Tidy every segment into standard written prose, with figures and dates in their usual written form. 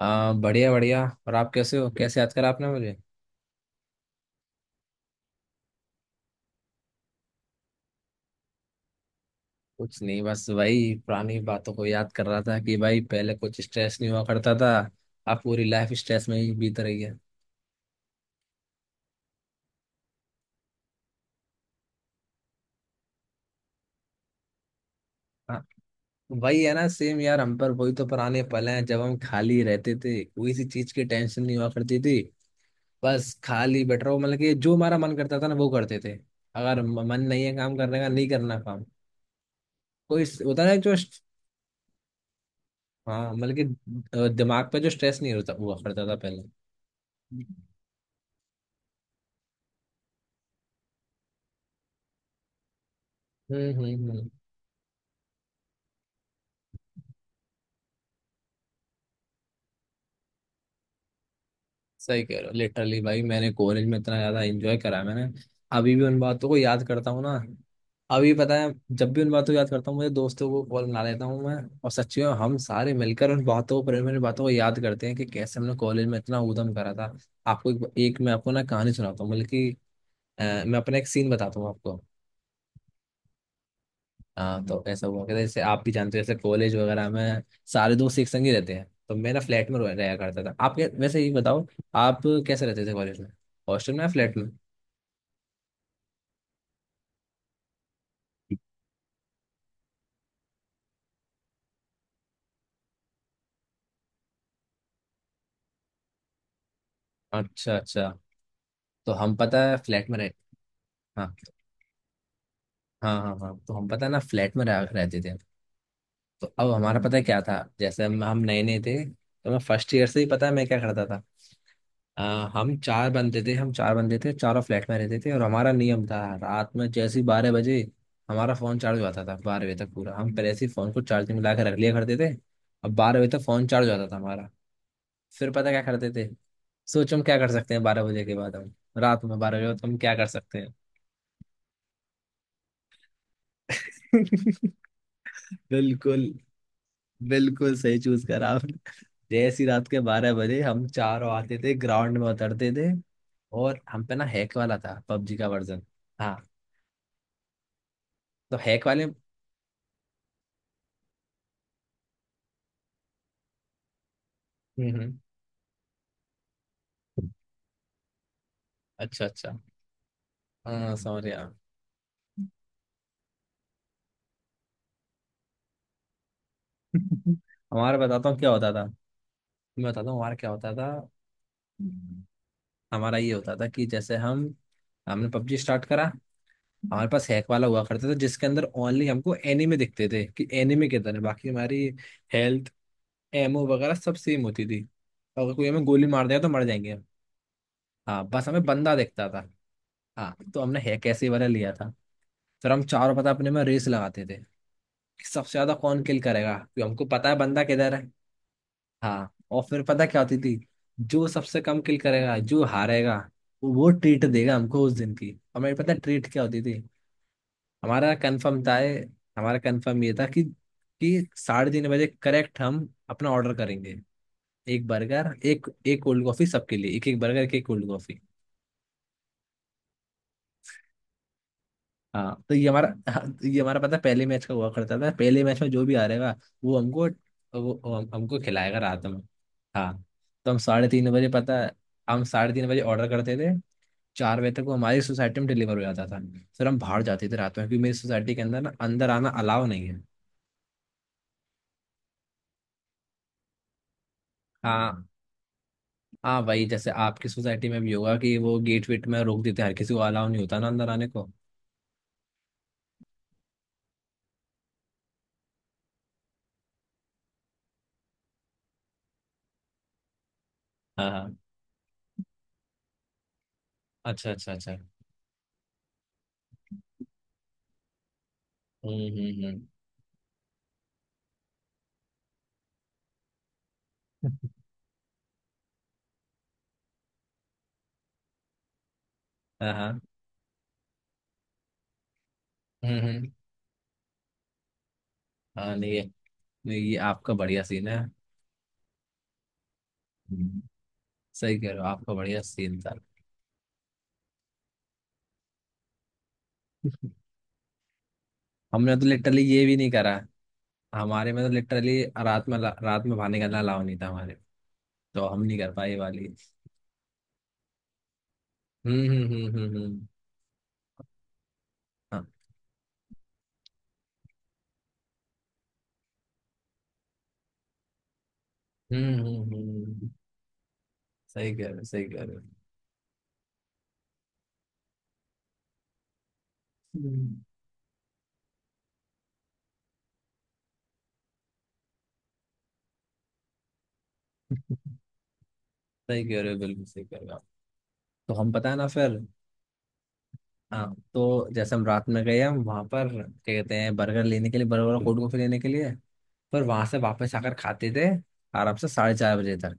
बढ़िया बढ़िया। और आप कैसे हो? कैसे याद करा आपने मुझे? कुछ नहीं, बस वही पुरानी बातों को याद कर रहा था कि भाई पहले कुछ स्ट्रेस नहीं हुआ करता था। अब पूरी लाइफ स्ट्रेस में ही बीत रही है। हाँ, वही है ना, सेम यार, हम पर वही तो पुराने पल हैं जब हम खाली रहते थे, कोई सी चीज की टेंशन नहीं हुआ करती थी। बस खाली बैठ रहो, मतलब कि जो हमारा मन करता था ना वो करते थे। अगर मन नहीं है काम करने का, नहीं करना काम। कोई होता ना जो। हाँ, मतलब कि दिमाग पे जो स्ट्रेस नहीं होता हुआ करता था पहले। हम्म हम्म हम्म। सही कह रहे हो, लिटरली भाई, मैंने कॉलेज में इतना ज्यादा एंजॉय करा है मैंने। अभी भी उन बातों को याद करता हूँ ना। अभी पता है, जब भी उन बातों को याद करता हूँ, मुझे दोस्तों को कॉल बना लेता हूँ मैं। और सच्ची में हम सारे मिलकर उन बातों पर, मेरी बातों को याद करते हैं कि कैसे हमने कॉलेज में इतना ऊधम करा था। एक मैं आपको ना कहानी सुनाता हूँ, बल्कि मैं अपना एक सीन बताता हूँ आपको। हाँ, तो ऐसा हुआ कि जैसे आप भी जानते हो, जैसे कॉलेज वगैरह में सारे दोस्त एक संग ही रहते हैं, तो मेरा फ्लैट में रहा करता था। आप वैसे ये बताओ, आप कैसे रहते थे कॉलेज में, हॉस्टल में या फ्लैट में? अच्छा अच्छा। तो हम पता है फ्लैट में रह। हाँ हाँ हाँ, हाँ तो हम पता है ना फ्लैट में रहते थे। तो अब हमारा पता है क्या था, जैसे हम नए नए थे, तो मैं फर्स्ट ईयर से ही पता है मैं क्या करता था। अ, हम चार बंदे थे, हम चार बंदे थे, चारों फ्लैट में रहते थे, और हमारा नियम था। रात में जैसे ही 12 बजे, हमारा फोन चार्ज हो जाता था। 12 बजे तक पूरा हम पहले से ही फोन को चार्जिंग में लगा के रख लिया करते थे। अब 12 बजे तक फोन चार्ज हो जाता था हमारा। फिर पता क्या करते थे? सोचो, हम क्या कर सकते हैं 12 बजे के बाद, हम रात में 12 बजे तो हम क्या कर सकते हैं? बिल्कुल, बिल्कुल सही चूज करा आपने। जैसी रात के 12 बजे हम चारों आते थे, ग्राउंड में उतरते थे। और हम पे ना हैक वाला था, पबजी का वर्जन। हाँ, तो हैक वाले। हम्म हम्म, अच्छा अच्छा। हाँ, समझ गया। हमारा बताता हूँ क्या होता था। मैं बताता हूँ हमारा क्या होता था। हम्म। हमारा ये होता था कि जैसे हम, हमने पबजी स्टार्ट करा। हमारे पास हैक वाला हुआ करता था जिसके अंदर ओनली हमको एनीमे दिखते थे कि एनीमे किधर है, बाकी हमारी हेल्थ, एमओ वगैरह सब सेम होती थी। अगर कोई हमें गोली मार दिया तो मर जाएंगे हम। हाँ, बस हमें बंदा दिखता था। हाँ, तो हमने हैक ऐसे वाला लिया था। फिर हम चारों, पता, अपने में रेस लगाते थे कि सबसे ज्यादा कौन किल करेगा, क्योंकि हमको पता है बंदा किधर है। हाँ, और फिर पता क्या होती थी? जो सबसे कम किल करेगा, जो हारेगा, वो ट्रीट देगा हमको उस दिन की। हमें पता ट्रीट क्या होती थी? हमारा कंफर्म था। हमारा कंफर्म ये था कि 3:30 बजे करेक्ट हम अपना ऑर्डर करेंगे। एक बर्गर, एक एक कोल्ड कॉफी, सबके लिए एक एक बर्गर, एक एक कोल्ड कॉफी। हाँ, तो ये हमारा हाँ, तो ये हमारा पता है, पहले मैच का हुआ करता था, पहले मैच में जो भी आ रहेगा, वो हमको वो हम, हमको खिलाएगा रात में। हाँ, तो हम 3:30 बजे पता है, हम 3:30 बजे ऑर्डर करते थे। 4 बजे तक वो हमारी सोसाइटी में डिलीवर हो जाता था। फिर हम बाहर जाते थे रात में, क्योंकि मेरी सोसाइटी के अंदर ना, अंदर आना अलाउ नहीं है। हाँ हाँ भाई, जैसे आपकी सोसाइटी में भी होगा कि वो गेट वेट में रोक देते हैं, हर किसी को अलाउ नहीं होता ना अंदर आने को। हाँ हाँ। अच्छा अच्छा अच्छा। हम्म। हाँ हाँ। हम्म हम्म, हाँ, नहीं है। नहीं, ये आपका बढ़िया सीन है। हम्म, सही कह रहे हो, आपका बढ़िया सीन था। हमने तो लिटरली ये भी नहीं करा। हमारे में तो लिटरली रात में बाहर निकलना अलाउ नहीं था हमारे। तो हम नहीं कर पाए ये वाली। हम्म। हाँ। हम्म। सही कह रहे हो, सही कह रहे हो। हम्म। सही कह रहे हो, बिल्कुल सही कह रहे हो आप। तो हम पता है ना फिर। हाँ, तो जैसे हम रात में गए, हम वहां पर क्या कहते हैं, बर्गर लेने के लिए, बर्गर और कोल्ड कॉफी लेने के लिए। पर वहां से वापस आकर खाते थे, आराम से 4:30 बजे तक।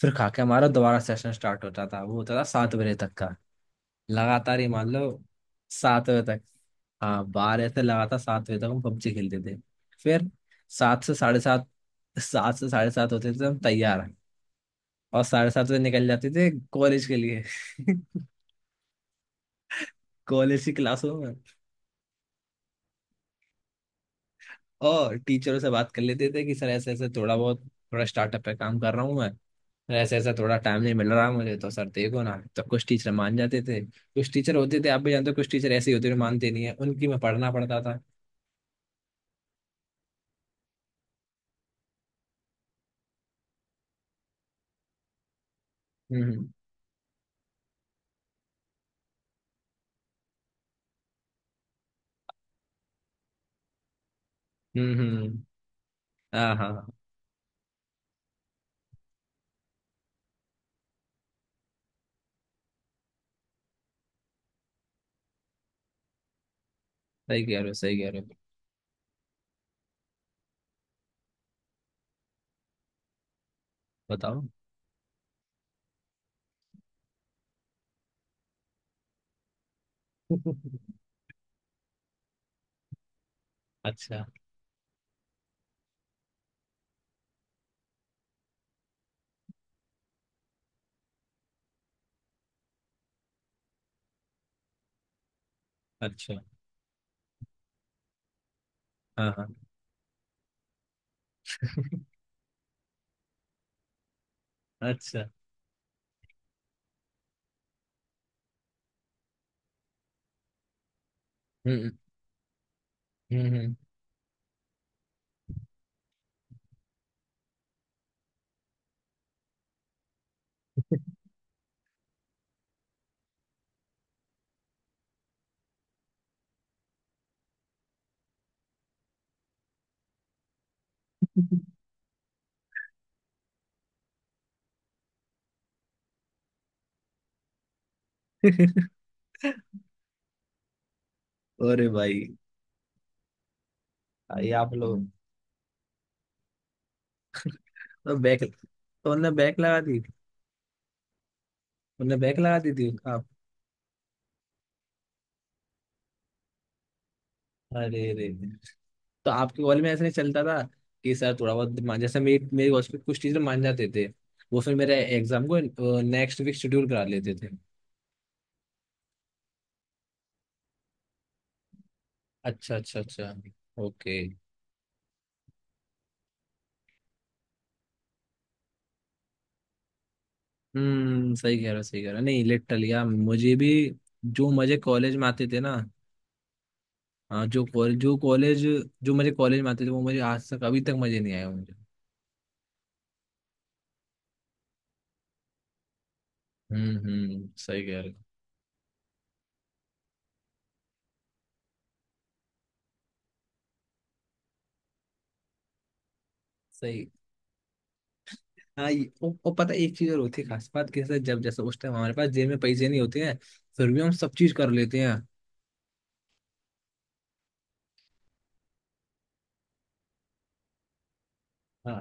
फिर खा के हमारा दोबारा सेशन स्टार्ट होता था, वो होता था 7 बजे तक का, लगातार ही मान लो। 7 बजे तक। हाँ, 12 से लगातार 7 बजे तक हम पबजी खेलते थे। फिर सात से साढ़े सात 7 से 7:30 होते थे तो हम तैयार। और 7:30 बजे निकल जाते थे कॉलेज के लिए। कॉलेज की क्लासों में। और टीचरों से बात कर लेते थे कि सर ऐसे ऐसे थोड़ा बहुत, थोड़ा स्टार्टअप पे काम कर रहा हूँ मैं। सर ऐसे ऐसा, थोड़ा टाइम नहीं मिल रहा मुझे, तो सर देखो ना, तो कुछ टीचर मान जाते थे, कुछ टीचर होते थे, आप भी जानते हो, कुछ टीचर ऐसे ही होते थे, मानते नहीं है, उनकी मैं पढ़ना पड़ता था। हम्म हम्म हम्म हम्म, हम्म। हाँ हाँ हाँ, सही कह रहे हो, सही कह रहे हो। बताओ। अच्छा अच्छा। हाँ हाँ। अच्छा। हम्म हम्म हम्म। अरे भाई। भाई आप लोग, तो बैक, तो उनने बैक लगा दी। उनने बैक लगा दी थी आप? अरे रे रे। तो आपके कॉलेज में ऐसा नहीं चलता था कि सर थोड़ा बहुत मान, जैसे मेरी मेरे कॉलेज में कुछ टीचर मान जाते थे? वो फिर मेरे एग्जाम को नेक्स्ट वीक शेड्यूल करा लेते थे। अच्छा अच्छा अच्छा। ओके। हम्म, सही कह रहा, सही कह रहा, नहीं लिटरली यार मुझे भी, जो मजे कॉलेज में आते थे ना। हाँ, जो मजे कॉलेज में आते थे, वो मुझे आज तक, अभी तक मजे नहीं आए मुझे। हम्म, सही कह रहे हो। सही। हाँ, ये वो पता है, एक चीज और होती है खास बात, कैसे, जब जैसे उस टाइम हमारे पास जेब में पैसे नहीं होते हैं, फिर भी हम सब चीज कर लेते हैं। हाँ।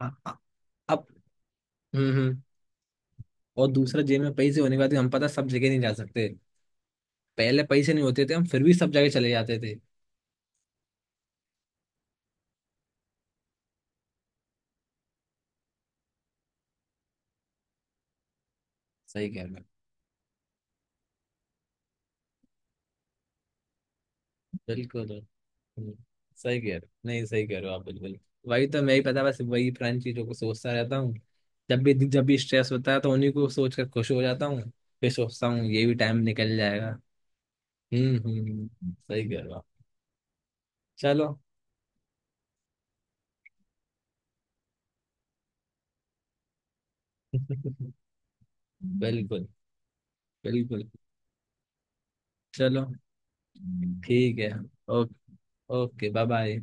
अ- अ- अब। हम्म। और दूसरा, जेब में पैसे होने के बाद भी हम पता है सब जगह नहीं जा सकते। पहले पैसे नहीं होते थे, हम फिर भी सब जगह चले जाते थे। सही कह रहे हो, बिल्कुल। हम्म, सही कह रहे हो, नहीं सही कह रहे हो आप, बिल्कुल। वही तो मैं ही पता, बस वही पुरानी चीजों को सोचता रहता हूँ। जब भी, जब भी स्ट्रेस होता है, तो उन्हीं को सोच कर खुश हो जाता हूँ। फिर सोचता हूँ ये भी टाइम निकल जाएगा। सही कह रहा। चलो। बिल्कुल बिल्कुल। चलो, ठीक है। ओके। Okay bye bye.